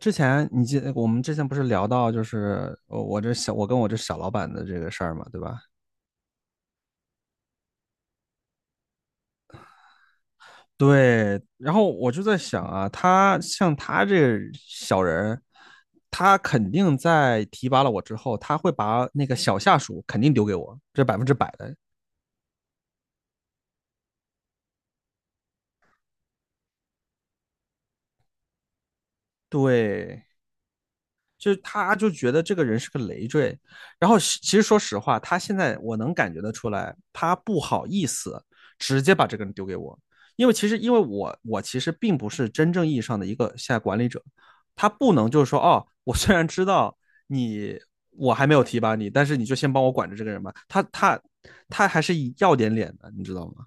之前你记，我们之前不是聊到就是我这小我跟我这小老板的这个事儿嘛，对吧？对，然后我就在想啊，他像他这小人他肯定在提拔了我之后，他会把那个小下属肯定丢给我，这百分之百的。对，就是他就觉得这个人是个累赘，然后其实说实话，他现在我能感觉得出来，他不好意思直接把这个人丢给我，因为其实因为我其实并不是真正意义上的一个现在管理者，他不能就是说哦，我虽然知道你我还没有提拔你，但是你就先帮我管着这个人吧，他他还是要点脸的，你知道吗？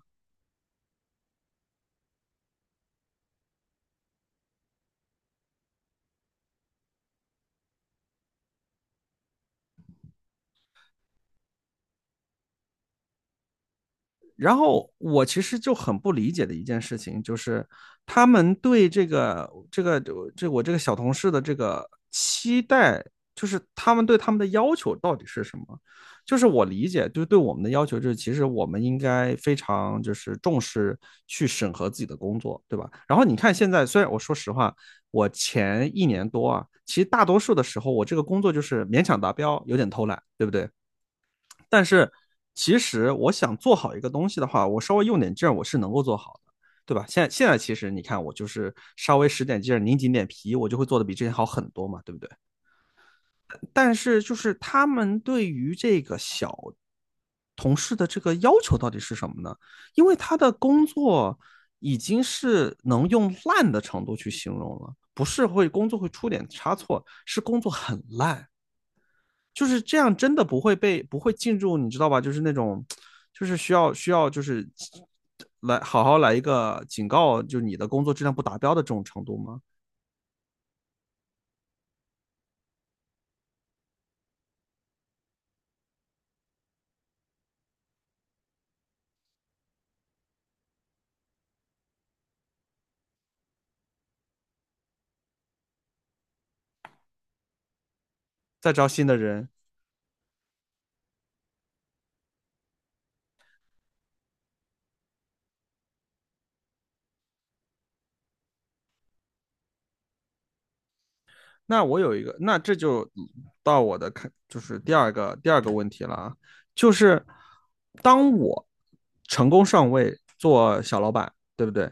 然后我其实就很不理解的一件事情，就是他们对这个这我这个小同事的这个期待，就是他们对他们的要求到底是什么？就是我理解，就是对我们的要求，就是其实我们应该非常就是重视去审核自己的工作，对吧？然后你看现在，虽然我说实话，我前一年多啊，其实大多数的时候我这个工作就是勉强达标，有点偷懒，对不对？但是其实我想做好一个东西的话，我稍微用点劲儿，我是能够做好的，对吧？现在其实你看，我就是稍微使点劲儿，拧紧点皮，我就会做的比之前好很多嘛，对不对？但是就是他们对于这个小同事的这个要求到底是什么呢？因为他的工作已经是能用烂的程度去形容了，不是会工作会出点差错，是工作很烂。就是这样，真的不会被不会进入，你知道吧？就是那种，就是需要就是来好好来一个警告，就是你的工作质量不达标的这种程度吗？再招新的人，那我有一个，那这就到我的看，就是第二个问题了啊，就是当我成功上位做小老板，对不对？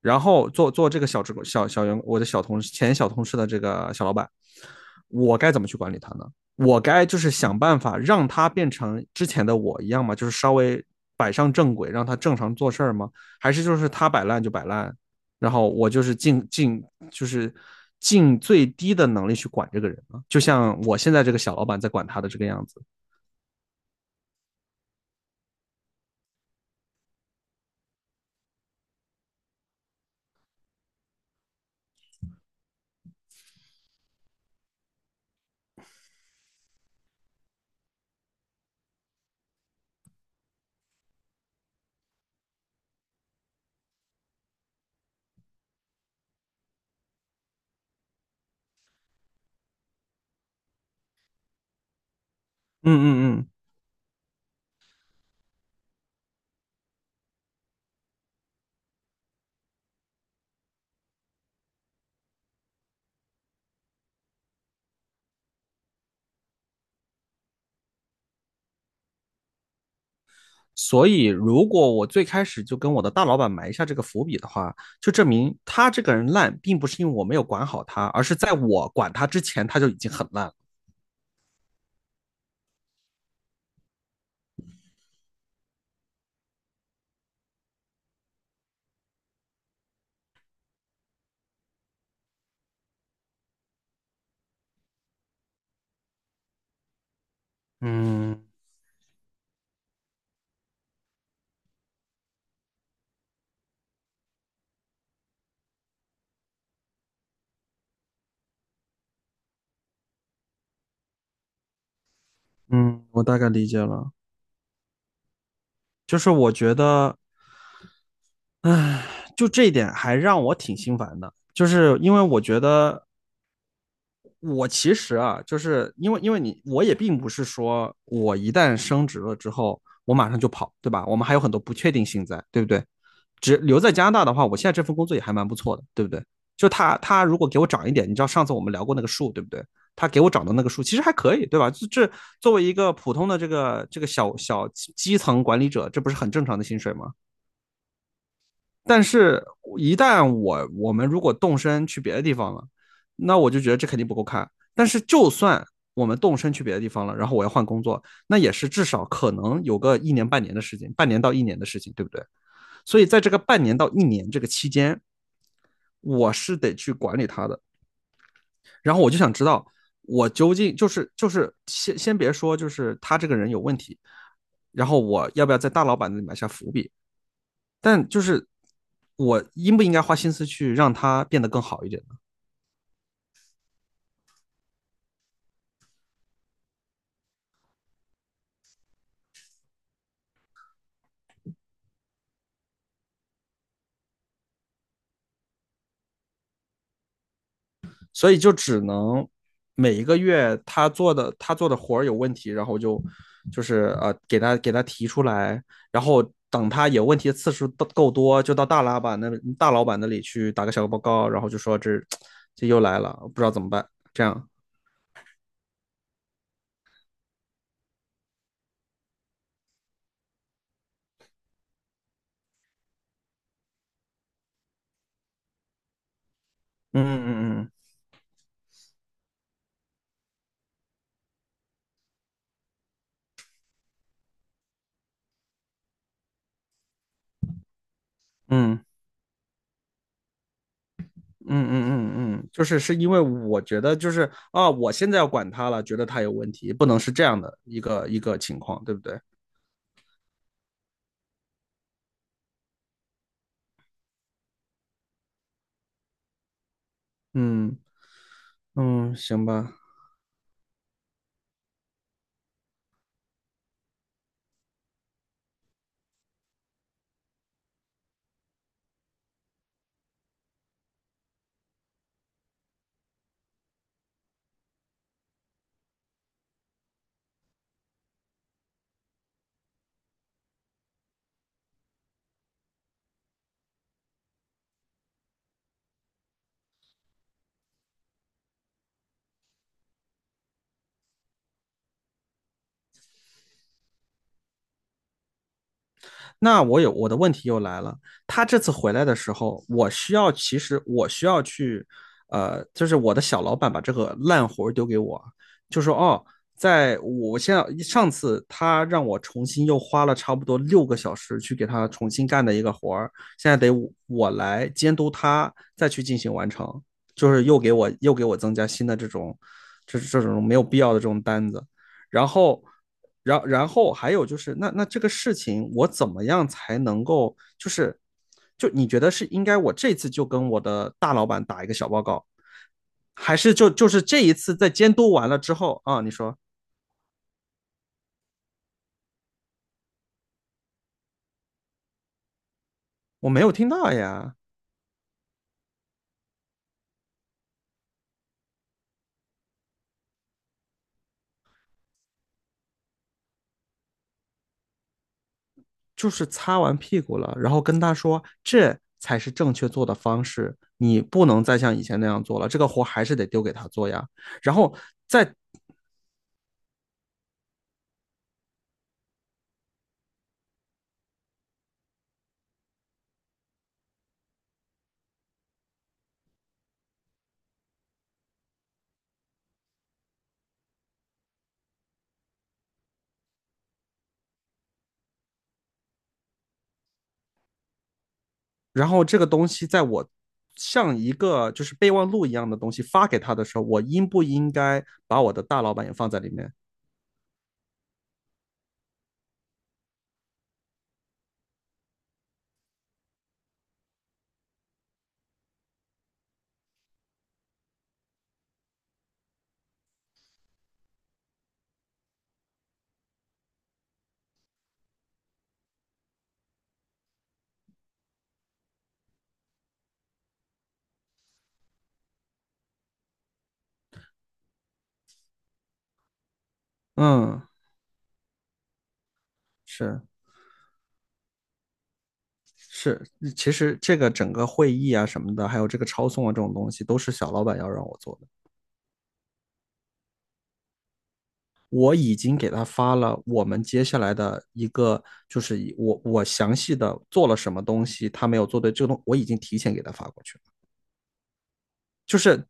然后做这个小职工小小员，我的小同事前小同事的这个小老板，我该怎么去管理他呢？我该就是想办法让他变成之前的我一样吗？就是稍微摆上正轨，让他正常做事儿吗？还是就是他摆烂就摆烂，然后我就是就是尽最低的能力去管这个人呢？就像我现在这个小老板在管他的这个样子。嗯嗯嗯。所以，如果我最开始就跟我的大老板埋下这个伏笔的话，就证明他这个人烂，并不是因为我没有管好他，而是在我管他之前，他就已经很烂了。嗯嗯，我大概理解了，就是我觉得，唉，就这一点还让我挺心烦的，就是因为我觉得我其实啊，就是因为你我也并不是说我一旦升职了之后，我马上就跑，对吧？我们还有很多不确定性在，对不对？只留在加拿大的话，我现在这份工作也还蛮不错的，对不对？就他如果给我涨一点，你知道上次我们聊过那个数，对不对？他给我涨的那个数其实还可以，对吧？这作为一个普通的这个小小基层管理者，这不是很正常的薪水吗？但是，一旦我们如果动身去别的地方了，那我就觉得这肯定不够看。但是，就算我们动身去别的地方了，然后我要换工作，那也是至少可能有个一年半年的事情，半年到一年的事情，对不对？所以，在这个半年到一年这个期间，我是得去管理他的。然后，我就想知道，我究竟就是就是先别说，就是他这个人有问题，然后我要不要在大老板那里埋下伏笔？但就是我应不应该花心思去让他变得更好一点呢？所以就只能每一个月他做的活儿有问题，然后就就是给他提出来，然后等他有问题的次数够多，就到大老板那里去打个小报告，然后就说这 这又来了，不知道怎么办，这样，嗯嗯嗯嗯。嗯嗯嗯嗯嗯，就是是因为我觉得就是啊，我现在要管他了，觉得他有问题，不能是这样的一个情况，对不对？嗯嗯，行吧。那我有我的问题又来了，他这次回来的时候，我需要其实我需要去，就是我的小老板把这个烂活丢给我，就说哦，在我现在上次他让我重新又花了差不多6个小时去给他重新干的一个活儿，现在得我来监督他再去进行完成，就是又给我增加新的这种，这种没有必要的这种单子。然后，然后还有就是，那这个事情我怎么样才能够，就是就你觉得是应该我这次就跟我的大老板打一个小报告，还是就是这一次在监督完了之后啊，你说我没有听到呀，就是擦完屁股了，然后跟他说这才是正确做的方式，你不能再像以前那样做了，这个活还是得丢给他做呀，然后。在然后这个东西在我像一个就是备忘录一样的东西发给他的时候，我应不应该把我的大老板也放在里面？嗯，是是，其实这个整个会议啊什么的，还有这个抄送啊这种东西，都是小老板要让我做的。我已经给他发了我们接下来的一个，就是我详细的做了什么东西，他没有做对，这个东我已经提前给他发过去了，就是。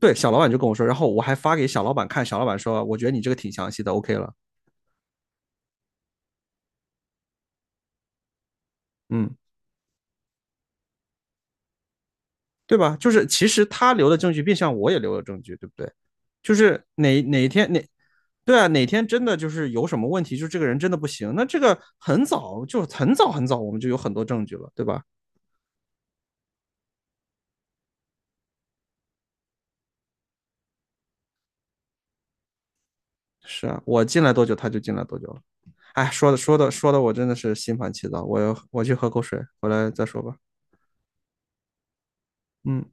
对，小老板就跟我说，然后我还发给小老板看，小老板说，我觉得你这个挺详细的，OK 了。嗯，对吧？就是其实他留的证据，变相我也留了证据，对不对？就是哪天哪，对啊，哪天真的就是有什么问题，就这个人真的不行，那这个很早就很早，我们就有很多证据了，对吧？是啊，我进来多久，他就进来多久了。哎，说的，我真的是心烦气躁。我去喝口水，回来再说吧。嗯。